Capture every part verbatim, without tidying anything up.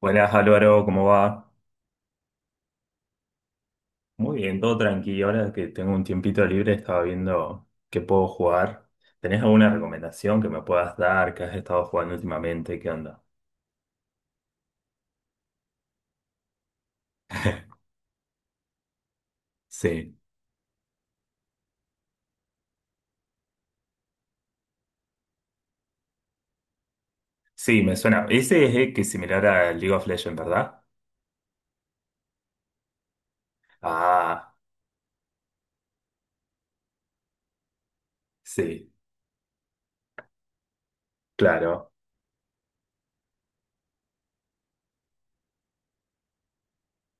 Buenas Álvaro, ¿cómo va? Muy bien, todo tranquilo. Ahora que tengo un tiempito libre, estaba viendo qué puedo jugar. ¿Tenés alguna recomendación que me puedas dar? ¿Qué has estado jugando últimamente? ¿Qué onda? Sí, sí, me suena. Ese es el que es similar a League of Legends, ¿verdad? Ah, sí, claro,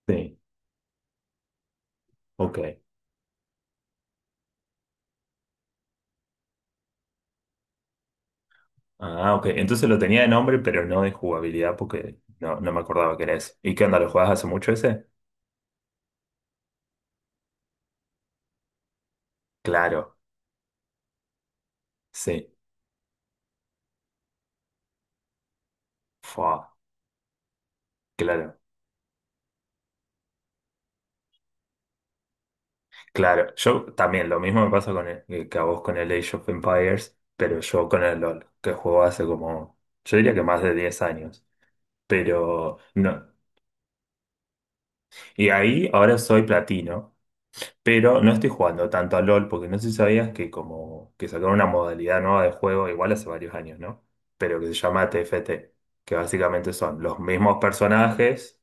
sí, ok. Ah, ok. Entonces lo tenía de nombre, pero no de jugabilidad porque no, no me acordaba que era eso. ¿Y qué onda? ¿Lo jugabas hace mucho ese? Claro, sí. Fua, claro. Claro, yo también, lo mismo me pasa con el- eh, que a vos con el Age of Empires, pero yo con el LOL, que juego hace como, yo diría que más de diez años, pero no. Y ahí ahora soy platino, pero no estoy jugando tanto al LOL, porque no sé si sabías que como que sacaron una modalidad nueva de juego, igual hace varios años, ¿no? Pero que se llama T F T, que básicamente son los mismos personajes,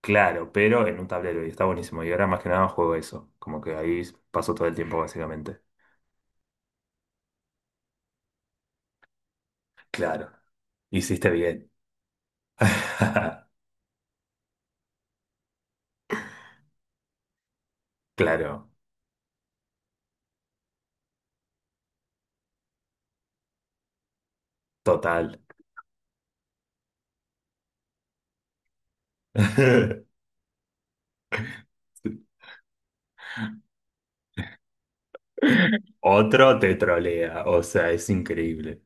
claro, pero en un tablero, y está buenísimo, y ahora más que nada juego eso, como que ahí paso todo el tiempo básicamente. Claro, hiciste bien. Claro, total. Otro te trolea, o sea, es increíble.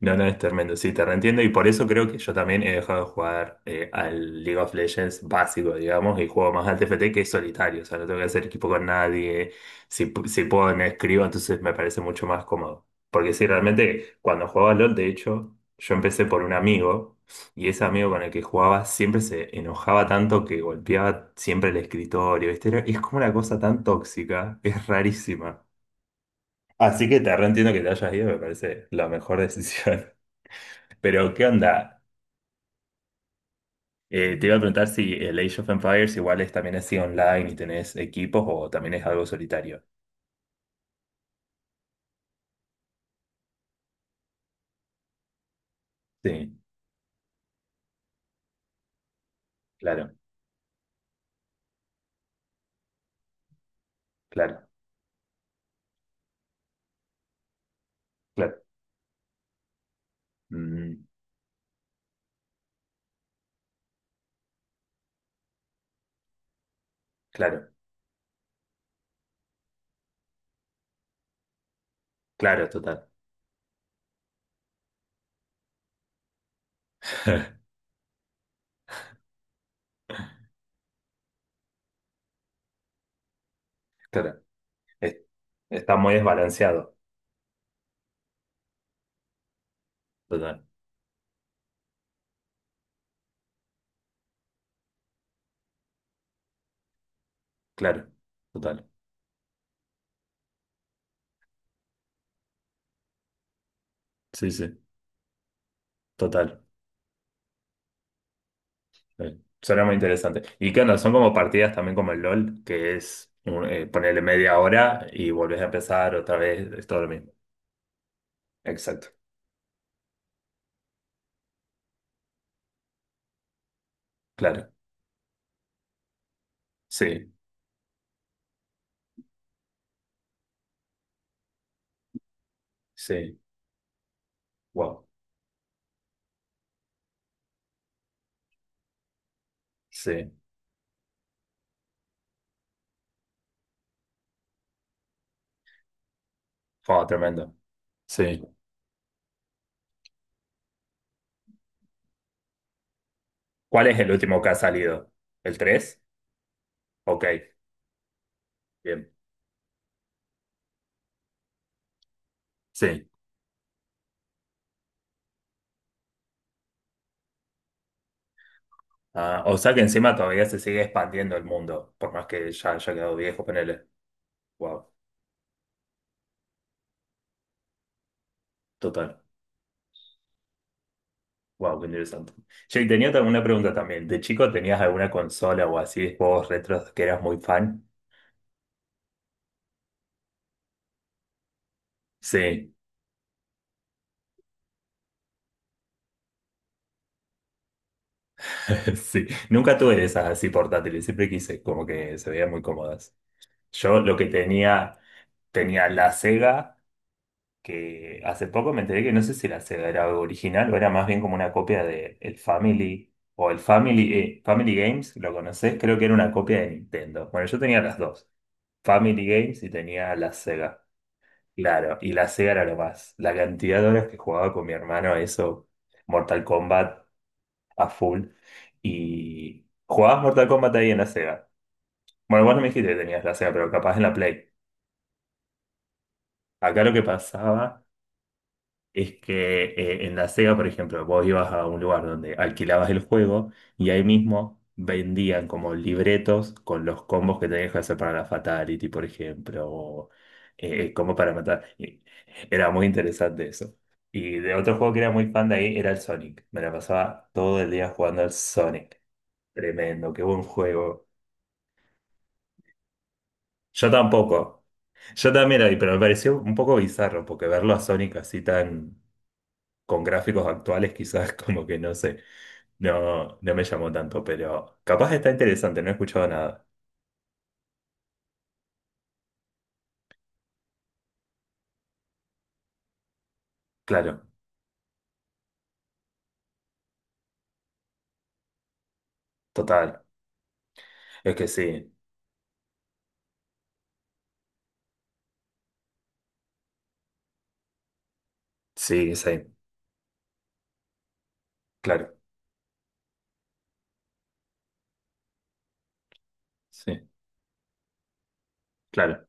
No, no, es tremendo, sí, te reentiendo y por eso creo que yo también he dejado de jugar eh, al League of Legends básico, digamos, y juego más al T F T que es solitario, o sea, no tengo que hacer equipo con nadie, si, pu- si puedo me escribo, entonces me parece mucho más cómodo. Porque sí, realmente cuando jugaba LOL, de hecho, yo empecé por un amigo y ese amigo con el que jugaba siempre se enojaba tanto que golpeaba siempre el escritorio, ¿viste? Era- es como una cosa tan tóxica, es rarísima. Así que te reentiendo que te hayas ido, me parece la mejor decisión. Pero, ¿qué onda? Eh, te iba a preguntar si el Age of Empires igual es, también así online y tenés equipos o también es algo solitario. Sí, claro, claro, claro. Mm, claro, claro, total. Claro, es- está muy desbalanceado. Total, claro, total. Sí, sí, total. Eh, Suena muy interesante. ¿Y qué onda? Son como partidas también como el LOL, que es un- eh, ponerle media hora y volvés a empezar otra vez, es todo lo mismo. Exacto, claro. Sí, sí, wow, sí, wow, tremendo. Sí. ¿Cuál es el último que ha salido? ¿El tres? Ok, bien, sí. Ah, o sea que encima todavía se sigue expandiendo el mundo, por más que ya haya quedado viejo, ponele. Wow, total. Wow, qué interesante. Che, tenía tam- una pregunta también. ¿De chico tenías alguna consola o así de juegos retros que eras muy fan? Sí, sí. Nunca tuve de esas así portátiles, siempre quise, como que se veían muy cómodas. Yo lo que tenía, tenía la Sega, que hace poco me enteré que no sé si la Sega era original o era más bien como una copia de el Family o el Family, eh, Family Games, ¿lo conocés? Creo que era una copia de Nintendo. Bueno, yo tenía las dos, Family Games y tenía la Sega. Claro, y la Sega era lo más. La cantidad de horas que jugaba con mi hermano, a eso, Mortal Kombat a full. Y jugabas Mortal Kombat ahí en la Sega. Bueno, vos no me dijiste que tenías la Sega, pero capaz en la Play. Acá lo que pasaba es que eh, en la Sega, por ejemplo, vos ibas a un lugar donde alquilabas el juego y ahí mismo vendían como libretos con los combos que tenías que hacer para la Fatality, por ejemplo, o eh, eh, como para matar. Y era muy interesante eso. Y de otro juego que era muy fan de ahí era el Sonic. Me la pasaba todo el día jugando al Sonic. Tremendo, qué buen juego. Yo tampoco. Yo también ahí, pero me pareció un poco bizarro porque verlo a Sonic así tan con gráficos actuales quizás como que no sé, no, no me llamó tanto, pero capaz está interesante, no he escuchado nada. Claro, total. Es que sí, sí, sí, claro, sí, claro,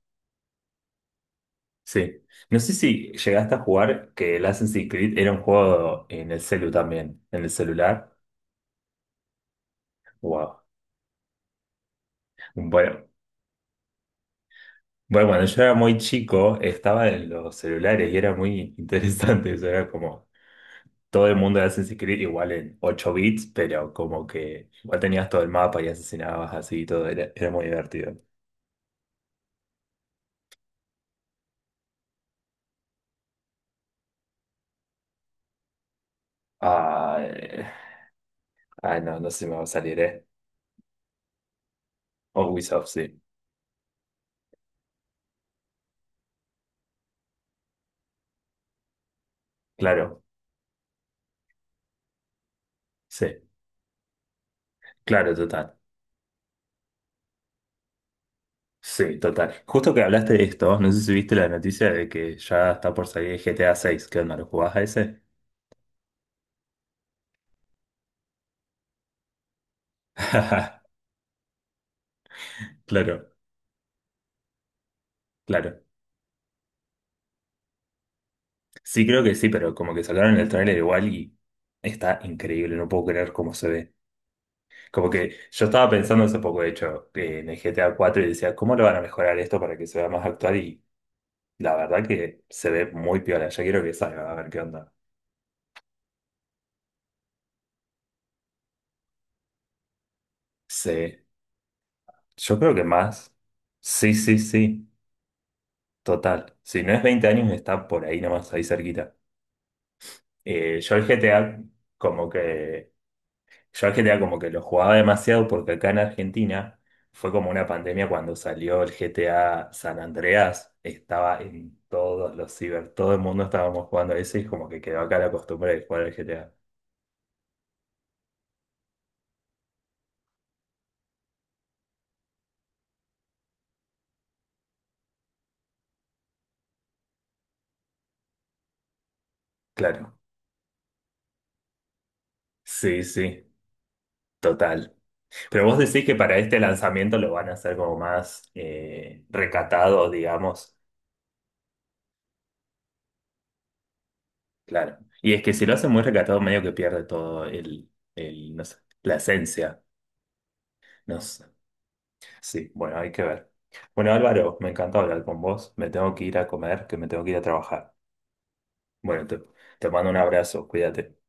sí. No sé si llegaste a jugar que el Assassin's Creed era un juego en el celu también, en el celular. Wow. Bueno, bueno, cuando yo era muy chico, estaba en los celulares y era muy interesante, eso era como todo el mundo de Assassin's Creed igual en ocho bits, pero como que igual tenías todo el mapa y asesinabas así y todo, era, era muy divertido. Ah, eh, ay, no, no sé si me va a salir, ¿eh? O Ubisoft, sí. Claro, sí, claro, total. Sí, total. Justo que hablaste de esto, no sé si viste la noticia de que ya está por salir G T A seis. ¿Qué onda? ¿Lo jugás a ese? Claro, claro. Sí, creo que sí, pero como que sacaron el tráiler igual y está increíble, no puedo creer cómo se ve. Como que yo estaba pensando hace poco, de hecho, que en el G T A cuatro y decía, ¿cómo lo van a mejorar esto para que se vea más actual? Y la verdad que se ve muy piola. Ya quiero que salga, a ver qué onda. Sí, yo creo que más. Sí, sí, sí, total. Si no es veinte años, está por ahí nomás, ahí cerquita. Eh, yo el G T A, como que Yo al G T A como que lo jugaba demasiado porque acá en Argentina fue como una pandemia cuando salió el G T A San Andreas, estaba en todos los ciber, todo el mundo estábamos jugando ese y como que quedó acá la costumbre de jugar al G T A. Claro, sí, sí, total. Pero vos decís que para este lanzamiento lo van a hacer como más eh, recatado, digamos. Claro. Y es que si lo hacen muy recatado, medio que pierde todo el, el, no sé, la esencia. No sé. Sí, bueno, hay que ver. Bueno, Álvaro, me encanta hablar con vos. Me tengo que ir a comer, que me tengo que ir a trabajar. Bueno, te, te mando un abrazo, cuídate.